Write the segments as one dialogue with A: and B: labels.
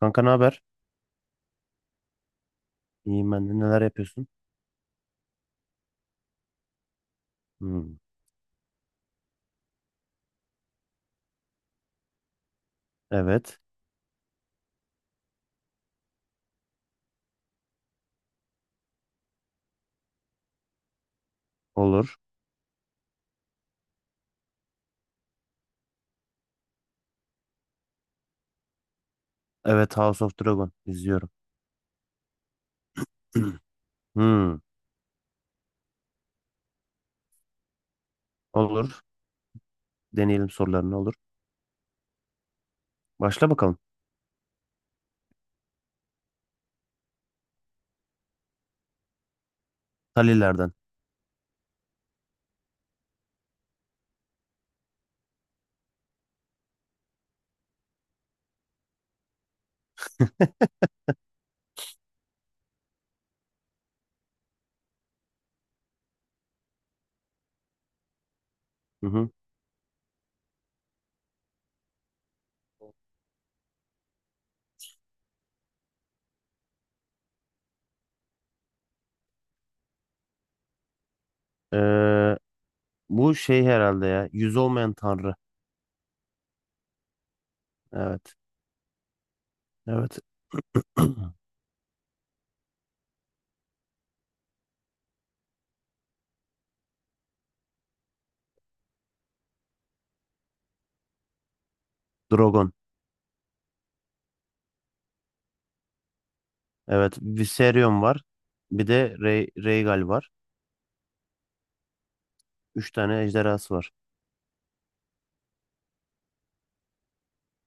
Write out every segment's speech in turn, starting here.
A: Kanka ne haber? İyiyim ben de. Neler yapıyorsun? Hmm. Evet. Olur. Evet, House of Dragon izliyorum. Hmm. Olur. Deneyelim sorularını olur. Başla bakalım. Talilerden. Hı hı. Ee, Bu şey herhalde ya. Yüz olmayan tanrı. Evet. Evet. Dragon. Evet. Viserion var. Bir de Rey Rhaegal var. Üç tane ejderhası var.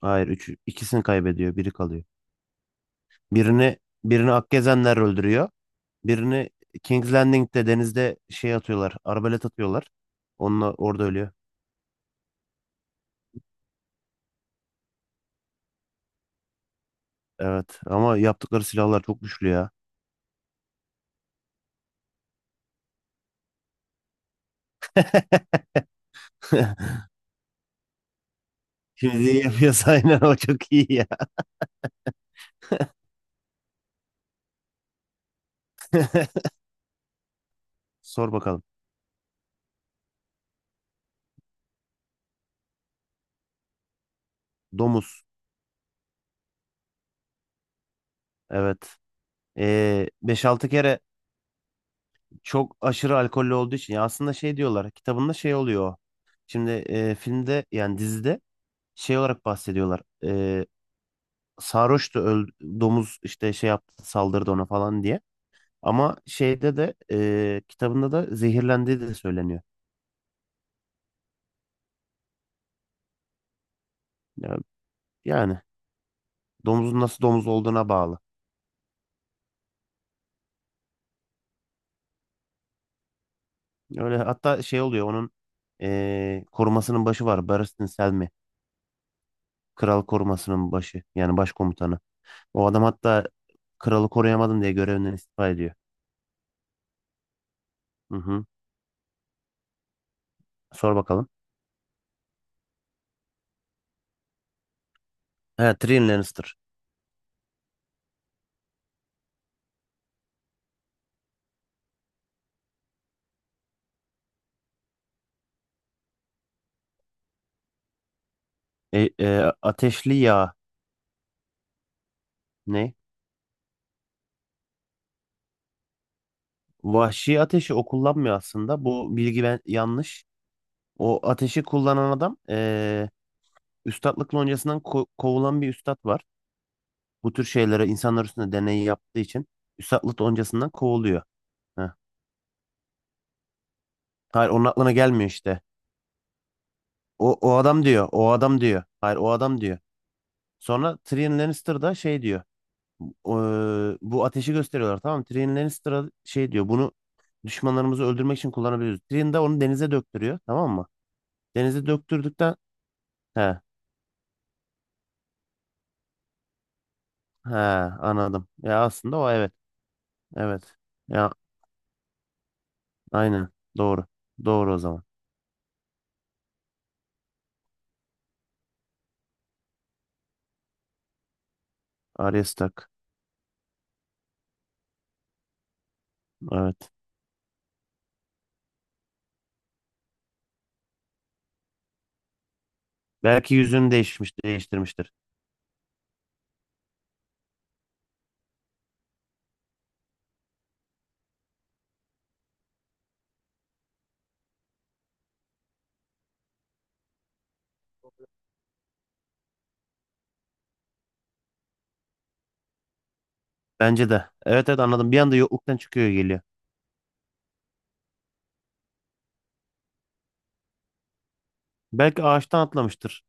A: Hayır. İkisini kaybediyor. Biri kalıyor. Birini Akgezenler öldürüyor. Birini King's Landing'de denizde şey atıyorlar. Arbalet atıyorlar. Onunla orada ölüyor. Evet ama yaptıkları silahlar çok güçlü ya. Şimdi iyi yapıyorsa aynen o çok iyi ya. Sor bakalım. Domuz. Evet. 5-6 kere çok aşırı alkollü olduğu için ya aslında şey diyorlar kitabında şey oluyor. O. Şimdi filmde yani dizide şey olarak bahsediyorlar. Sarhoştu domuz işte şey yaptı, saldırdı ona falan diye. Ama şeyde de kitabında da zehirlendiği de söyleniyor. Ya- Yani domuzun nasıl domuz olduğuna bağlı. Öyle hatta şey oluyor onun korumasının başı var. Barristan Selmy. Kral korumasının başı. Yani başkomutanı. O adam hatta kralı koruyamadım diye görevinden istifa ediyor. Hı hı. Sor bakalım. He, Tyrion Lannister. Ateşli yağ ne? Vahşi ateşi o kullanmıyor aslında. Bu bilgi ben yanlış. O ateşi kullanan adam, üstatlık loncasından kovulan bir üstat var. Bu tür şeylere insanlar üstünde deneyi yaptığı için üstatlık loncasından kovuluyor. Heh. Hayır, onun aklına gelmiyor işte. O adam diyor. O adam diyor. Hayır, o adam diyor. Sonra Tyrion Lannister da şey diyor. "O, bu ateşi gösteriyorlar, tamam mı? Tyrion Lannister'a şey diyor. Bunu düşmanlarımızı öldürmek için kullanabiliriz. Tyrion da onu denize döktürüyor, tamam mı? Denize döktürdükten he, he, anladım. Ya aslında o, evet. Evet. Ya, aynen. Doğru. Doğru o zaman. Ares tak. Evet. Belki yüzünü değişmiş, değiştirmiştir. Bence de. Evet, evet, anladım. Bir anda yokluktan çıkıyor, geliyor. Belki ağaçtan atlamıştır.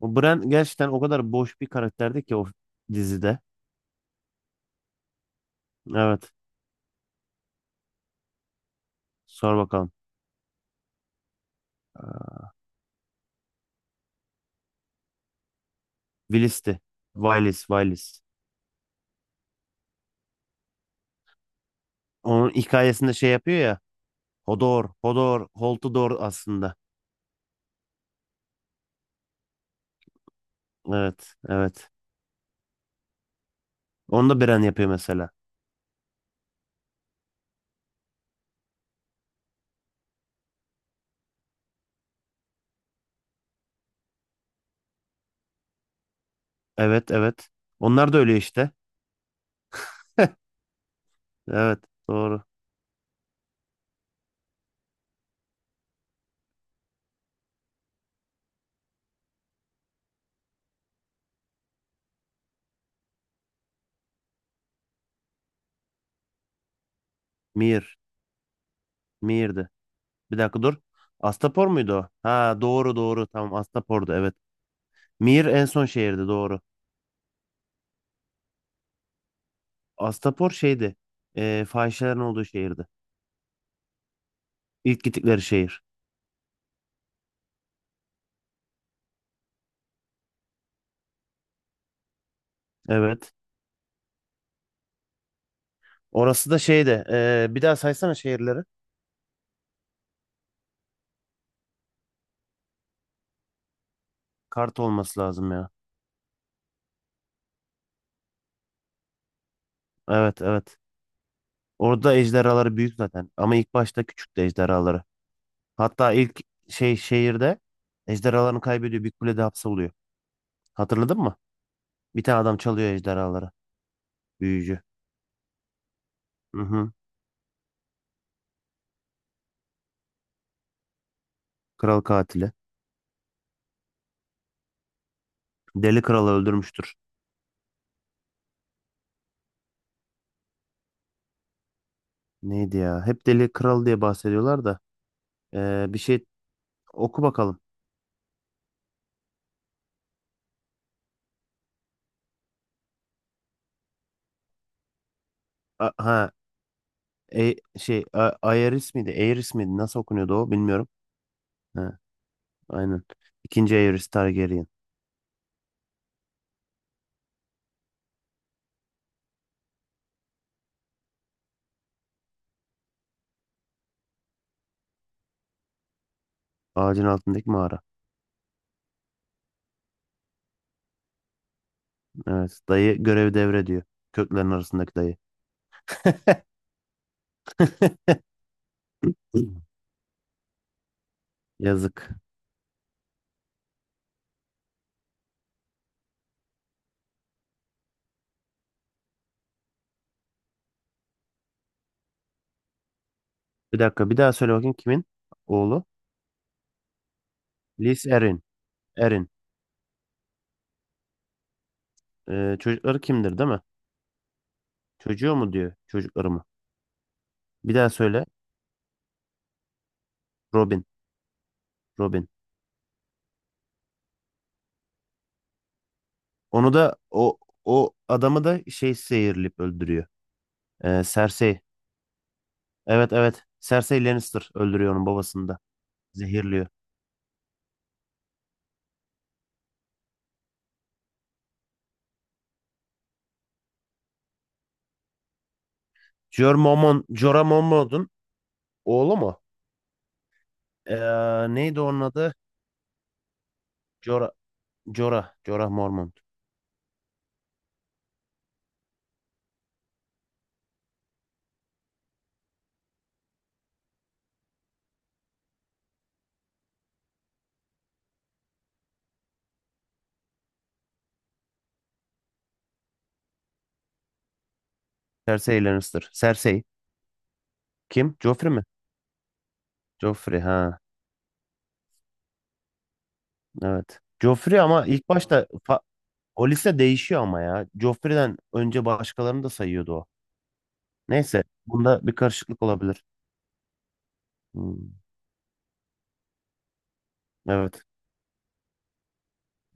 A: O Bran gerçekten o kadar boş bir karakterdi ki o dizide. Evet. Sor bakalım. Ee, Willis'ti. Willis, Willis. Onun hikayesinde şey yapıyor ya. Hodor, Hodor, Holtudor aslında. Evet, evet. Onu da Bran yapıyor mesela. Evet, evet. Onlar da öyle işte. Evet, doğru. Mir, Mir'di. Bir dakika dur. Astapor muydu o? Ha, doğru, doğru. Tamam, Astapor'du evet. Mir en son şehirdi, doğru. Astapor şeydi. Fahişelerin olduğu şehirdi. İlk gittikleri şehir. Evet. Orası da şeydi. Bir daha saysana şehirleri. Kart olması lazım ya. Evet, evet. Orada ejderhaları büyük zaten. Ama ilk başta küçüktü ejderhaları. Hatta ilk şey şehirde ejderhalarını kaybediyor. Bir kulede hapsoluyor. Hatırladın mı? Bir tane adam çalıyor ejderhaları. Büyücü. Hı hı. Kral katili. Deli Kral'ı öldürmüştür. Neydi ya? Hep Deli Kral diye bahsediyorlar da. Bir şey oku bakalım. Ha, şey, Aerys miydi? Aerys miydi? Nasıl okunuyordu o bilmiyorum. Ha, aynen. İkinci Aerys Targaryen. Ağacın altındaki mağara. Evet. Dayı görev devrediyor. Köklerin arasındaki dayı. Yazık. Bir dakika, bir daha söyle bakayım, kimin oğlu? Lys Erin. Erin. Çocukları kimdir değil mi? Çocuğu mu diyor çocukları mı? Bir daha söyle. Robin. Robin. Onu da o adamı da şey zehirleyip öldürüyor. Cersei. Evet, evet. Cersei Lannister öldürüyor onun babasını da. Zehirliyor. Jorah Mormont'un oğlu mu? Neydi onun adı? Jorah, Jorah, Jorah Mormont. Cersei Lannister. Cersei. Kim? Joffrey mi? Joffrey ha. Evet. Joffrey ama ilk başta fa- o liste değişiyor ama ya. Joffrey'den önce başkalarını da sayıyordu o. Neyse. Bunda bir karışıklık olabilir. Hmm. Evet.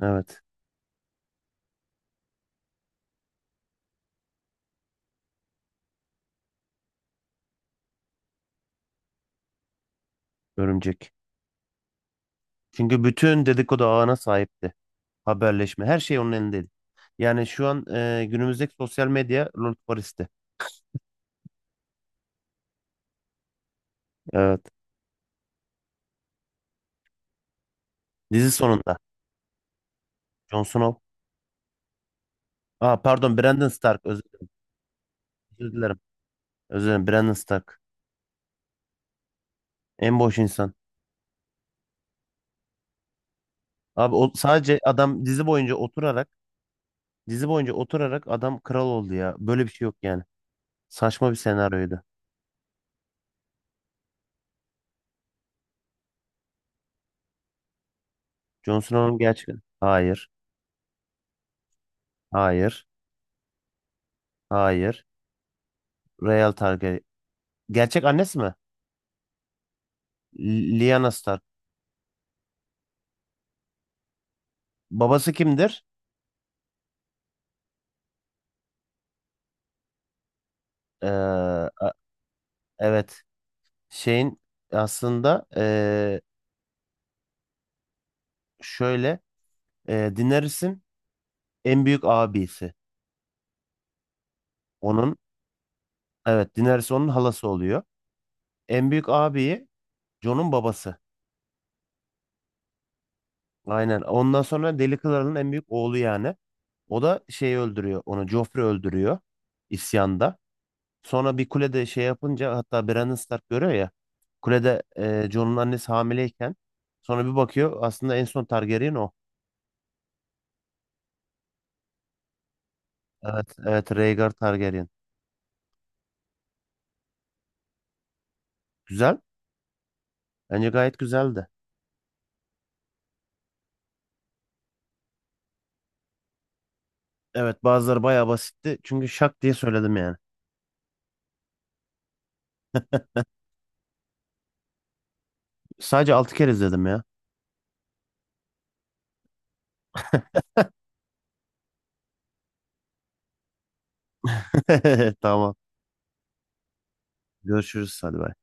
A: Evet. Örümcek. Çünkü bütün dedikodu ağına sahipti. Haberleşme. Her şey onun elindeydi. Yani şu an günümüzdeki sosyal medya Lord Paris'ti. Evet. Dizi sonunda. Jon Snow. Aa, pardon, Brandon Stark. Özür dilerim. Özür dilerim. Brandon Stark. En boş insan. Abi o, sadece adam dizi boyunca oturarak adam kral oldu ya. Böyle bir şey yok yani. Saçma bir senaryoydu. Jon Snow'un gerçek. Hayır. Hayır. Hayır. Real Targaryen. Gerçek annesi mi? Lyanna Stark. Babası kimdir? Ee, a- evet. Şeyin aslında, şöyle, Daenerys'in en büyük abisi. Onun, evet, Daenerys onun halası oluyor. En büyük abiyi, Jon'un babası. Aynen. Ondan sonra Deli Kralı'nın en büyük oğlu yani. O da şeyi öldürüyor. Onu Joffrey öldürüyor isyanda. Sonra bir kulede şey yapınca hatta Brandon Stark görüyor ya. Kulede Jon'un annesi hamileyken sonra bir bakıyor aslında en son Targaryen o. Evet, evet, Rhaegar Targaryen. Güzel. Bence gayet güzeldi. Evet, bazıları bayağı basitti. Çünkü şak diye söyledim yani. Sadece 6 kere izledim ya. Tamam. Görüşürüz hadi.